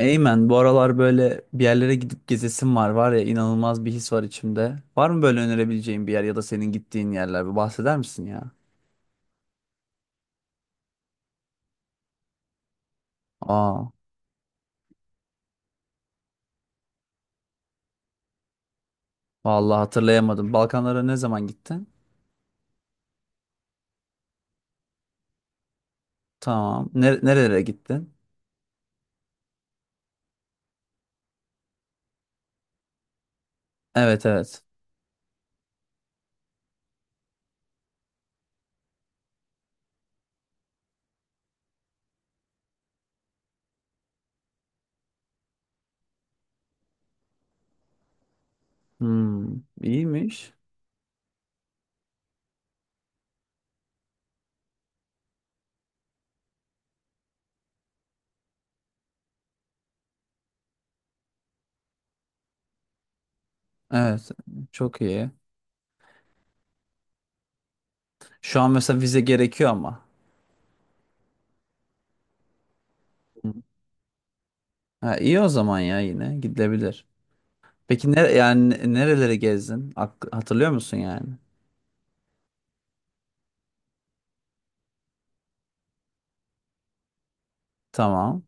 Eymen, bu aralar böyle bir yerlere gidip gezesim var ya, inanılmaz bir his var içimde. Var mı böyle önerebileceğin bir yer ya da senin gittiğin yerler? Bir bahseder misin ya? Aa, vallahi hatırlayamadım. Balkanlara ne zaman gittin? Tamam. Nerelere gittin? Evet, evet. Hmm, iyiymiş. Evet, çok iyi. Şu an mesela vize gerekiyor ama. Hı. Ha, iyi o zaman ya, yine gidilebilir. Peki yani nerelere gezdin? Hatırlıyor musun yani? Tamam.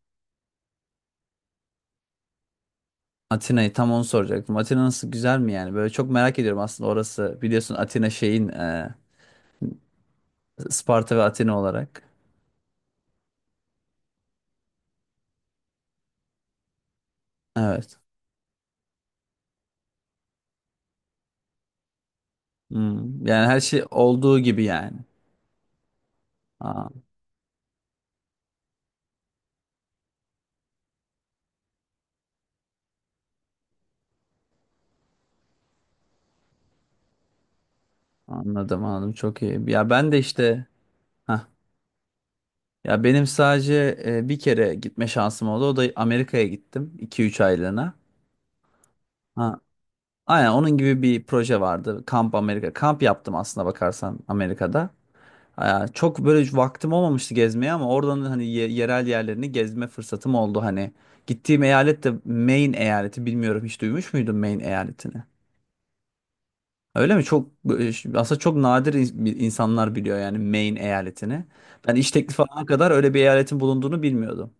Atina'yı tam onu soracaktım. Atina nasıl, güzel mi yani? Böyle çok merak ediyorum aslında orası. Biliyorsun Atina şeyin, Sparta ve Atina olarak. Evet. Hmm. Yani her şey olduğu gibi yani. Aa, anladım anladım, çok iyi. Ya ben de işte hah. Ya benim sadece bir kere gitme şansım oldu. O da Amerika'ya gittim iki üç aylığına. Ha. Aynen onun gibi bir proje vardı. Kamp Amerika. Kamp yaptım aslında bakarsan Amerika'da. Aa, çok böyle vaktim olmamıştı gezmeye, ama oradan hani yerel yerlerini gezme fırsatım oldu hani. Gittiğim eyalet de Maine eyaleti, bilmiyorum hiç duymuş muydun Maine eyaletini? Öyle mi? Çok, aslında çok nadir insanlar biliyor yani Maine eyaletini. Ben iş teklifi alana kadar öyle bir eyaletin bulunduğunu bilmiyordum.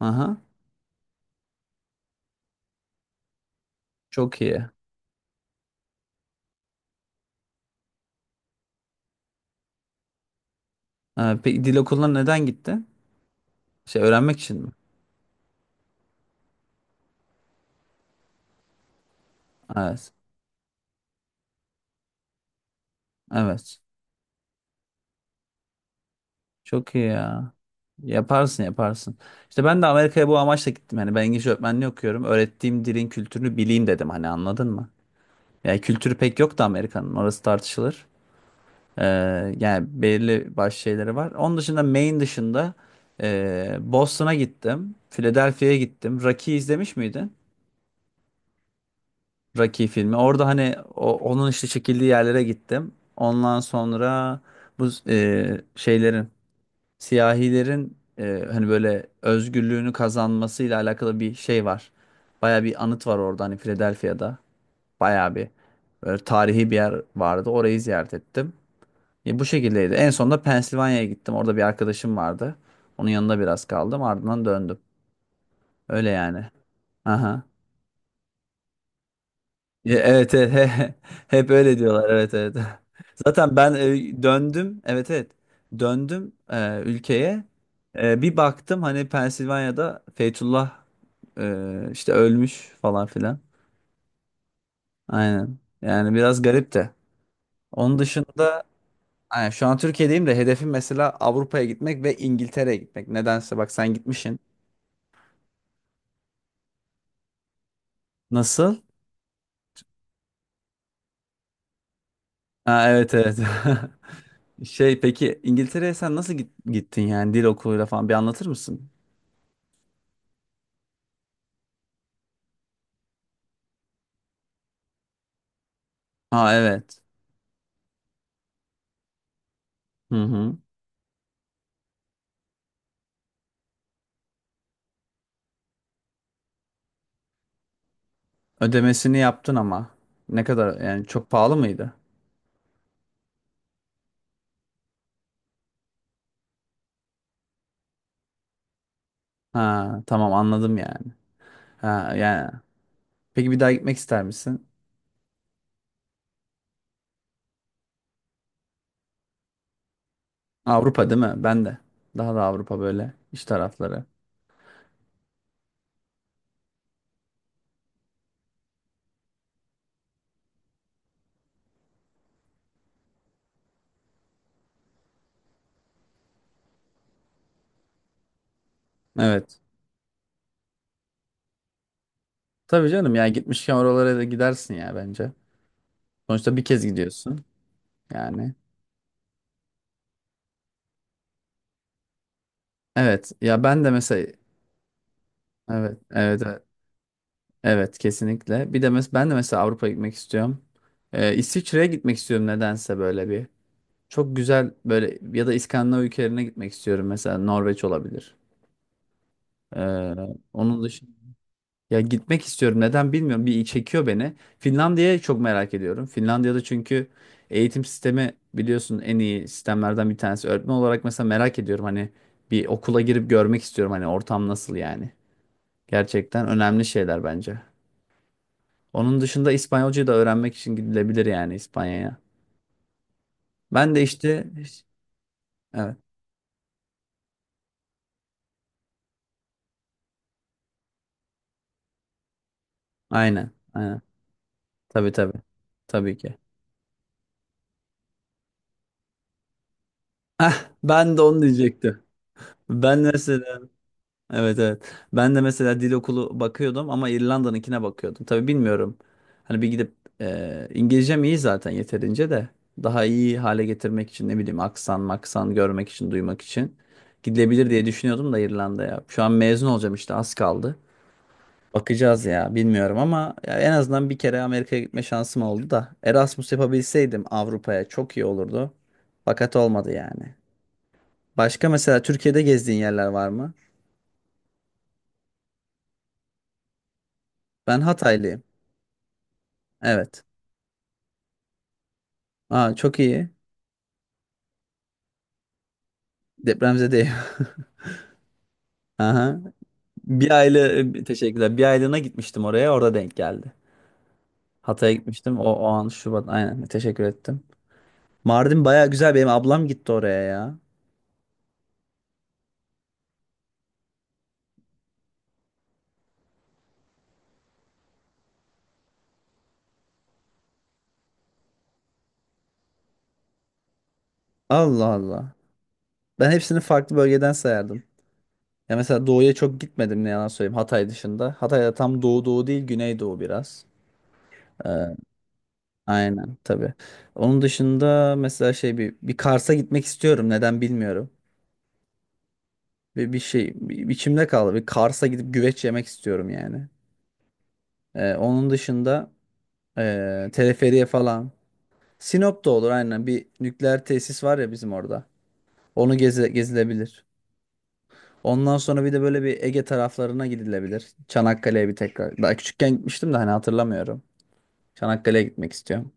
Aha, çok iyi. Ha, peki dil okuluna neden gitti? Şey öğrenmek için mi? Evet. Evet. Çok iyi ya. Yaparsın yaparsın. İşte ben de Amerika'ya bu amaçla gittim. Hani ben İngilizce öğretmenliği okuyorum. Öğrettiğim dilin kültürünü bileyim dedim. Hani anladın mı? Yani kültürü pek yok da Amerika'nın. Orası tartışılır. Ee, yani belirli başlı şeyleri var. Onun dışında, Maine dışında Boston'a gittim. Philadelphia'ya gittim. Rocky izlemiş miydin? Rocky filmi. Orada hani onun işte çekildiği yerlere gittim. Ondan sonra bu şeylerin, siyahilerin hani böyle özgürlüğünü kazanmasıyla alakalı bir şey var. Baya bir anıt var orada hani, Philadelphia'da. Baya bir böyle tarihi bir yer vardı. Orayı ziyaret ettim. Bu şekildeydi. En sonunda Pensilvanya'ya gittim. Orada bir arkadaşım vardı. Onun yanında biraz kaldım. Ardından döndüm. Öyle yani. Aha. Ya, evet evet, hep öyle diyorlar, evet evet. Zaten ben döndüm, evet evet, döndüm ülkeye. Bir baktım hani Pensilvanya'da Fethullah işte ölmüş falan filan. Aynen, yani biraz garip de. Onun dışında aynen, şu an Türkiye'deyim, de hedefim mesela Avrupa'ya gitmek ve İngiltere'ye gitmek. Nedense bak, sen gitmişsin. Nasıl? Ha, evet evet. Şey peki İngiltere'ye sen nasıl gittin yani, dil okuluyla falan bir anlatır mısın? Ha, evet. Hı hı. Ödemesini yaptın ama. Ne kadar yani, çok pahalı mıydı? Ha, tamam anladım yani. Ha yani. Peki bir daha gitmek ister misin? Avrupa değil mi? Ben de. Daha da Avrupa böyle, iş tarafları. Evet. Tabii canım ya, gitmişken oralara da gidersin ya, bence. Sonuçta bir kez gidiyorsun yani. Evet ya, ben de mesela evet evet evet, evet kesinlikle. Bir de ben de mesela Avrupa gitmek istiyorum. İsviçre'ye gitmek istiyorum nedense, böyle bir. Çok güzel böyle, ya da İskandinav ülkelerine gitmek istiyorum. Mesela Norveç olabilir. Ee, onun dışında ya, gitmek istiyorum. Neden bilmiyorum. Bir çekiyor beni. Finlandiya'yı çok merak ediyorum. Finlandiya'da çünkü eğitim sistemi biliyorsun en iyi sistemlerden bir tanesi. Öğretmen olarak mesela merak ediyorum. Hani bir okula girip görmek istiyorum. Hani ortam nasıl yani. Gerçekten önemli şeyler bence. Onun dışında İspanyolcayı da öğrenmek için gidilebilir yani, İspanya'ya. Ben de işte evet. Aynen. Aynen. Tabii tabii. Tabii ki. Heh, ben de onu diyecektim. Ben mesela, evet evet. Ben de mesela dil okulu bakıyordum ama İrlanda'nınkine bakıyordum. Tabii bilmiyorum. Hani bir gidip İngilizcem iyi zaten yeterince de, daha iyi hale getirmek için ne bileyim, aksan maksan görmek için, duymak için gidilebilir diye düşünüyordum da İrlanda'ya. Şu an mezun olacağım, işte az kaldı. Bakacağız ya, bilmiyorum ama ya, en azından bir kere Amerika'ya gitme şansım oldu da, Erasmus yapabilseydim Avrupa'ya çok iyi olurdu. Fakat olmadı yani. Başka mesela Türkiye'de gezdiğin yerler var mı? Ben Hataylıyım. Evet. Aa, çok iyi. Depremzedeyim. Aha. Bir aile Teşekkürler. Bir aylığına gitmiştim oraya. Orada denk geldi. Hatay'a gitmiştim. O an Şubat. Aynen. Teşekkür ettim. Mardin baya güzel. Benim ablam gitti oraya ya. Allah Allah. Ben hepsini farklı bölgeden sayardım. Ya mesela doğuya çok gitmedim, ne yalan söyleyeyim, Hatay dışında. Hatay'da tam doğu doğu değil, güneydoğu biraz. Ee, Aynen tabii. Onun dışında mesela şey bir Kars'a gitmek istiyorum. Neden bilmiyorum. Bir içimde kaldı. Bir Kars'a gidip güveç yemek istiyorum yani. Onun dışında teleferiye falan. Sinop da olur aynen. Bir nükleer tesis var ya bizim orada. Onu gezilebilir. Ondan sonra bir de böyle bir Ege taraflarına gidilebilir. Çanakkale'ye bir tekrar. Daha küçükken gitmiştim de hani hatırlamıyorum. Çanakkale'ye gitmek istiyorum.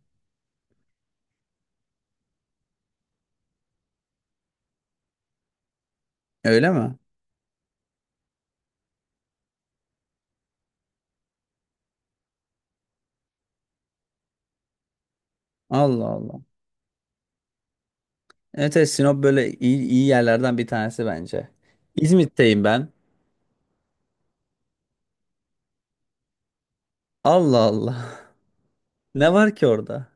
Öyle mi? Allah Allah. Evet, evet Sinop böyle iyi yerlerden bir tanesi bence. İzmit'teyim ben. Allah Allah. Ne var ki orada?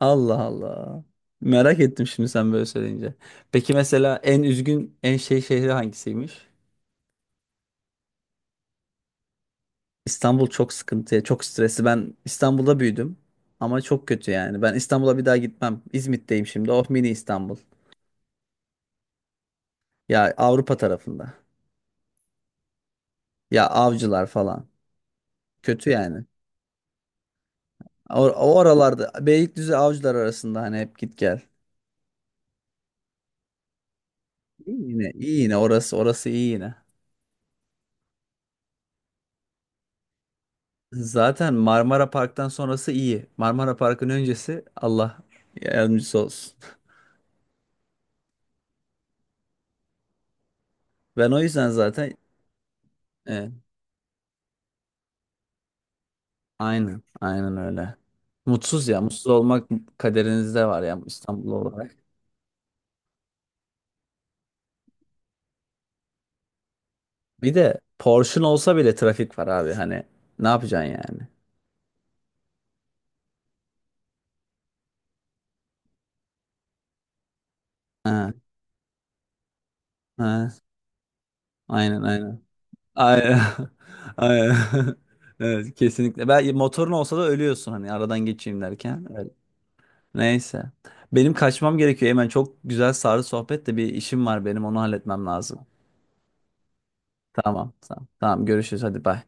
Allah Allah. Merak ettim şimdi sen böyle söyleyince. Peki mesela en üzgün, en şey şehri hangisiymiş? İstanbul çok sıkıntıya, çok stresli. Ben İstanbul'da büyüdüm ama çok kötü yani. Ben İstanbul'a bir daha gitmem. İzmit'teyim şimdi. Oh, mini İstanbul. Ya Avrupa tarafında. Ya Avcılar falan. Kötü yani. O aralarda, Beylikdüzü Avcılar arasında, hani hep git gel. İyi, yine iyi yine, orası orası iyi yine. Zaten Marmara Park'tan sonrası iyi. Marmara Park'ın öncesi Allah yardımcısı olsun. Ben o yüzden zaten, e, aynen aynen öyle. Mutsuz ya, mutsuz olmak kaderinizde var ya, İstanbul olarak. Bir de Porsche'un olsa bile trafik var abi, hani ne yapacaksın yani? Ha, ha, aynen aynen. Aynen. Aynen. Evet, kesinlikle. Ben motorun olsa da ölüyorsun hani aradan geçeyim derken. Evet. Neyse. Benim kaçmam gerekiyor hemen. Çok güzel sarı sohbet de bir işim var benim. Onu halletmem lazım. Tamam. Tamam. Tamam. Görüşürüz. Hadi bay.